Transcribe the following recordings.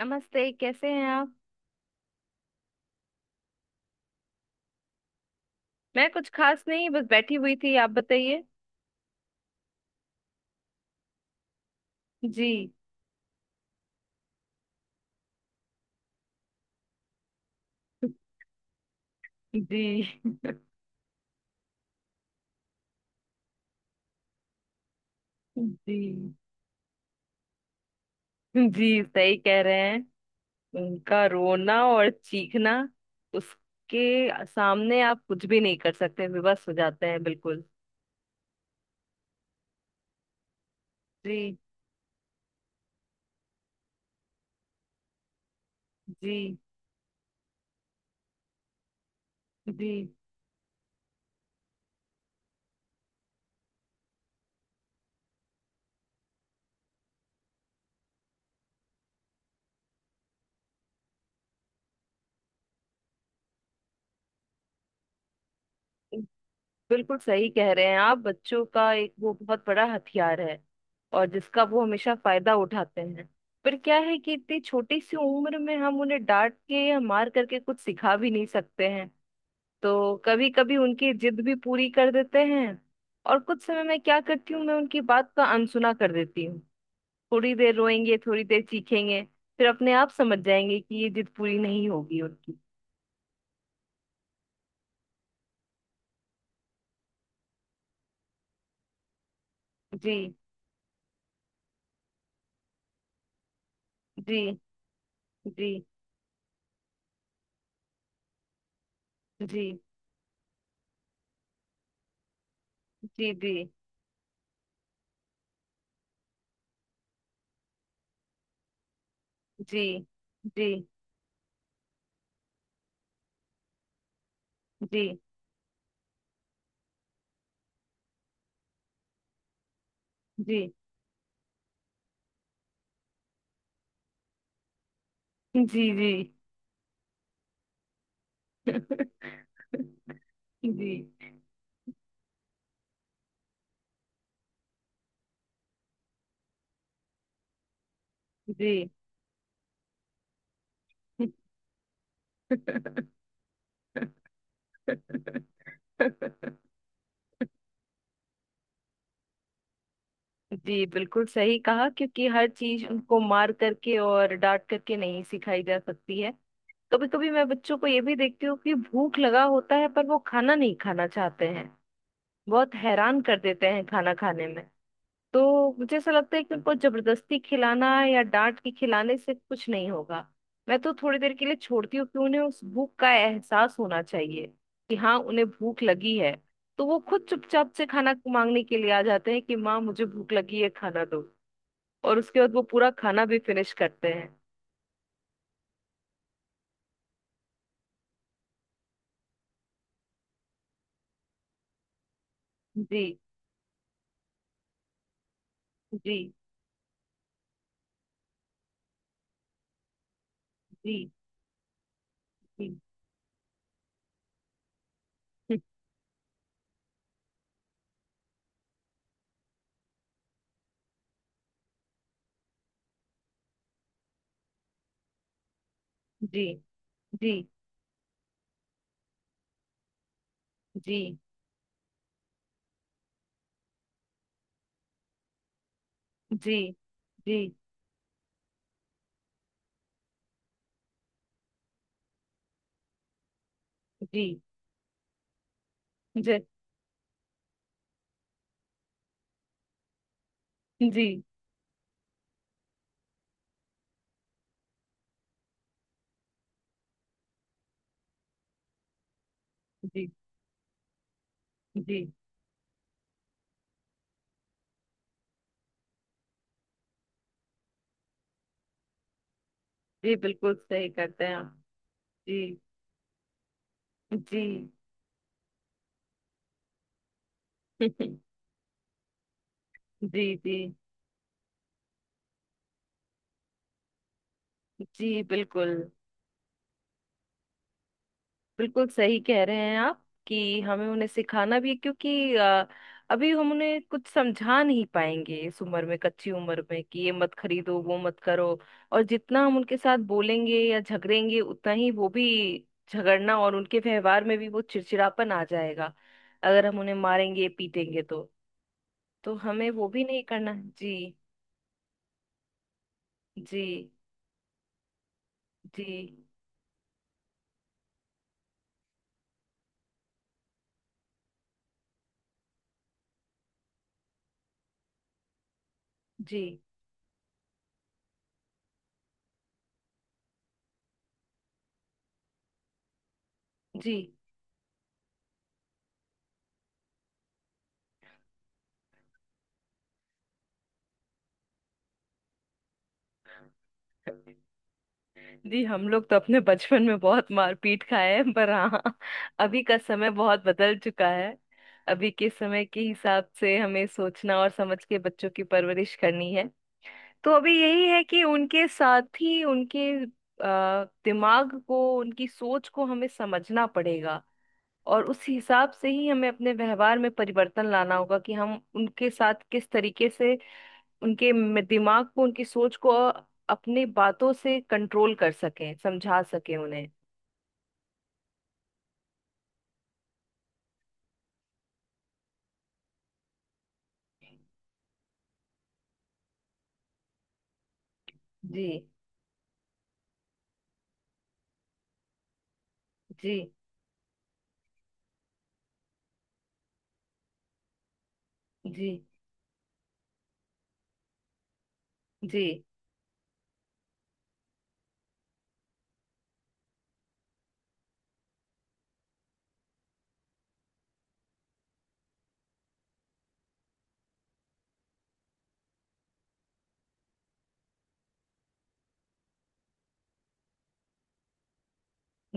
नमस्ते। कैसे हैं आप। मैं कुछ खास नहीं, बस बैठी हुई थी। आप बताइए। जी। जी। जी। जी, सही कह रहे हैं। उनका रोना और चीखना, उसके सामने आप कुछ भी नहीं कर सकते, विवश हो जाते हैं बिल्कुल। जी। जी। जी, बिल्कुल सही कह रहे हैं आप। बच्चों का एक वो बहुत बड़ा हथियार है, और जिसका वो हमेशा फायदा उठाते हैं। पर क्या है कि इतनी छोटी सी उम्र में हम उन्हें डांट के या मार करके कुछ सिखा भी नहीं सकते हैं, तो कभी कभी उनकी जिद भी पूरी कर देते हैं। और कुछ समय मैं क्या करती हूँ, मैं उनकी बात का अनसुना कर देती हूँ। थोड़ी देर रोएंगे, थोड़ी देर चीखेंगे, फिर अपने आप समझ जाएंगे कि ये जिद पूरी नहीं होगी उनकी। जी। जी। जी। जी। जी। जी। जी। जी। जी। जी। जी। जी। जी। जी। जी, बिल्कुल सही कहा क्योंकि हर चीज उनको मार करके और डांट करके नहीं सिखाई जा सकती है। कभी कभी मैं बच्चों को ये भी देखती हूँ कि भूख लगा होता है पर वो खाना नहीं खाना चाहते हैं। बहुत हैरान कर देते हैं खाना खाने में। तो मुझे ऐसा लगता है कि उनको जबरदस्ती खिलाना या डांट के खिलाने से कुछ नहीं होगा। मैं तो थोड़ी देर के लिए छोड़ती हूँ कि उन्हें उस भूख का एहसास होना चाहिए, कि हाँ, उन्हें भूख लगी है। तो वो खुद चुपचाप से खाना मांगने के लिए आ जाते हैं कि माँ, मुझे भूख लगी है, खाना दो। और उसके बाद वो पूरा खाना भी फिनिश करते हैं। जी। जी। जी। जी। हम्म। जी। जी। जी। जी। जी। जी। जी। जी। जी। जी। जी, बिल्कुल सही करते हैं आप। जी। जी। जी। जी। जी, बिल्कुल बिल्कुल सही कह रहे हैं आप कि हमें उन्हें सिखाना भी है, क्योंकि अभी हम उन्हें कुछ समझा नहीं पाएंगे इस उम्र में, कच्ची उम्र में, कि ये मत खरीदो वो मत करो। और जितना हम उनके साथ बोलेंगे या झगड़ेंगे, उतना ही वो भी झगड़ना, और उनके व्यवहार में भी वो चिड़चिड़ापन आ जाएगा। अगर हम उन्हें मारेंगे पीटेंगे, तो हमें वो भी नहीं करना है। जी। जी। जी। जी। जी। जी। हम लोग तो अपने बचपन में बहुत मारपीट खाए हैं, पर हाँ, अभी का समय बहुत बदल चुका है। अभी के समय के हिसाब से हमें सोचना और समझ के बच्चों की परवरिश करनी है। तो अभी यही है कि उनके साथ ही उनके दिमाग को, उनकी सोच को हमें समझना पड़ेगा। और उस हिसाब से ही हमें अपने व्यवहार में परिवर्तन लाना होगा कि हम उनके साथ किस तरीके से उनके दिमाग को, उनकी सोच को अपनी बातों से कंट्रोल कर सकें, समझा सकें उन्हें। जी। जी। जी। जी।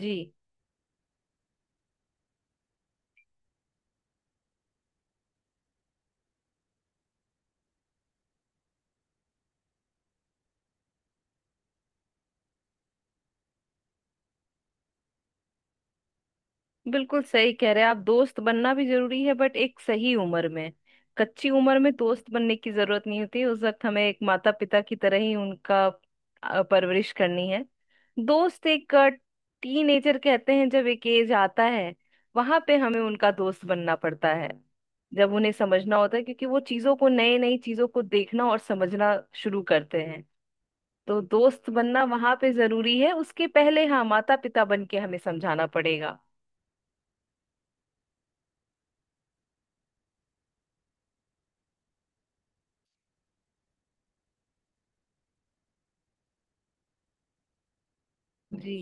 जी, बिल्कुल सही कह रहे हैं आप। दोस्त बनना भी जरूरी है, बट एक सही उम्र में। कच्ची उम्र में दोस्त बनने की जरूरत नहीं होती, उस वक्त हमें एक माता पिता की तरह ही उनका परवरिश करनी है। दोस्त एक टीनेजर कहते हैं, जब एक एज आता है, वहां पे हमें उनका दोस्त बनना पड़ता है। जब उन्हें समझना होता है, क्योंकि वो चीजों को, नई नई चीजों को देखना और समझना शुरू करते हैं। तो दोस्त बनना वहां पे जरूरी है, उसके पहले हाँ माता पिता बन के हमें समझाना पड़ेगा। जी।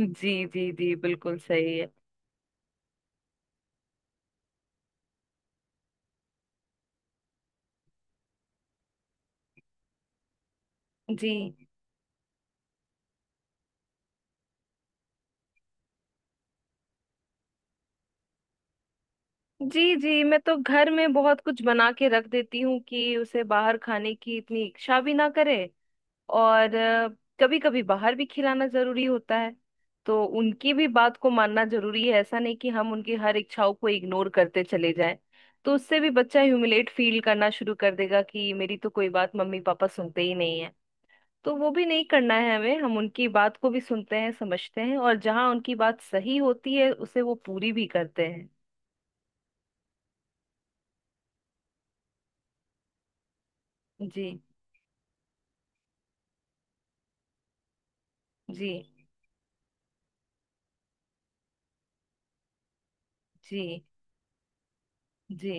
जी। जी। जी, बिल्कुल सही है। जी। जी। जी। मैं तो घर में बहुत कुछ बना के रख देती हूँ कि उसे बाहर खाने की इतनी इच्छा भी ना करे। और कभी कभी बाहर भी खिलाना जरूरी होता है, तो उनकी भी बात को मानना जरूरी है, ऐसा नहीं कि हम उनकी हर इच्छाओं को इग्नोर करते चले जाएं। तो उससे भी बच्चा ह्यूमिलेट फील करना शुरू कर देगा कि मेरी तो कोई बात मम्मी पापा सुनते ही नहीं है। तो वो भी नहीं करना है हमें, हम उनकी बात को भी सुनते हैं, समझते हैं, और जहां उनकी बात सही होती है उसे वो पूरी भी करते हैं। जी। जी। जी। जी,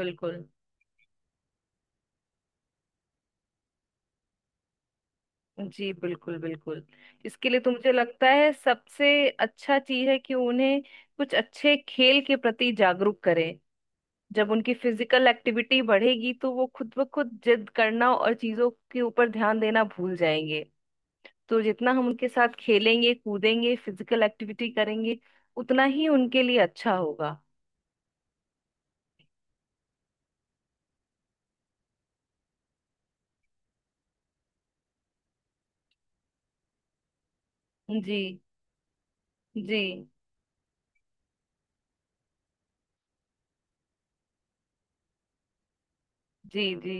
बिल्कुल। जी, बिल्कुल बिल्कुल। इसके लिए तो मुझे लगता है सबसे अच्छा चीज है कि उन्हें कुछ अच्छे खेल के प्रति जागरूक करें। जब उनकी फिजिकल एक्टिविटी बढ़ेगी, तो वो खुद ब खुद जिद करना और चीजों के ऊपर ध्यान देना भूल जाएंगे। तो जितना हम उनके साथ खेलेंगे, कूदेंगे, फिजिकल एक्टिविटी करेंगे, उतना ही उनके लिए अच्छा होगा। जी। जी। जी। जी।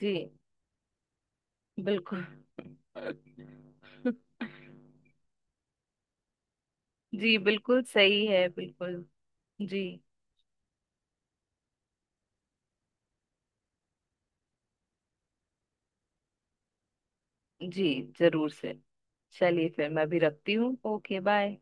जी, बिल्कुल। जी, बिल्कुल सही है, बिल्कुल। जी। जी जरूर से। चलिए, फिर मैं भी रखती हूँ। ओके। बाय।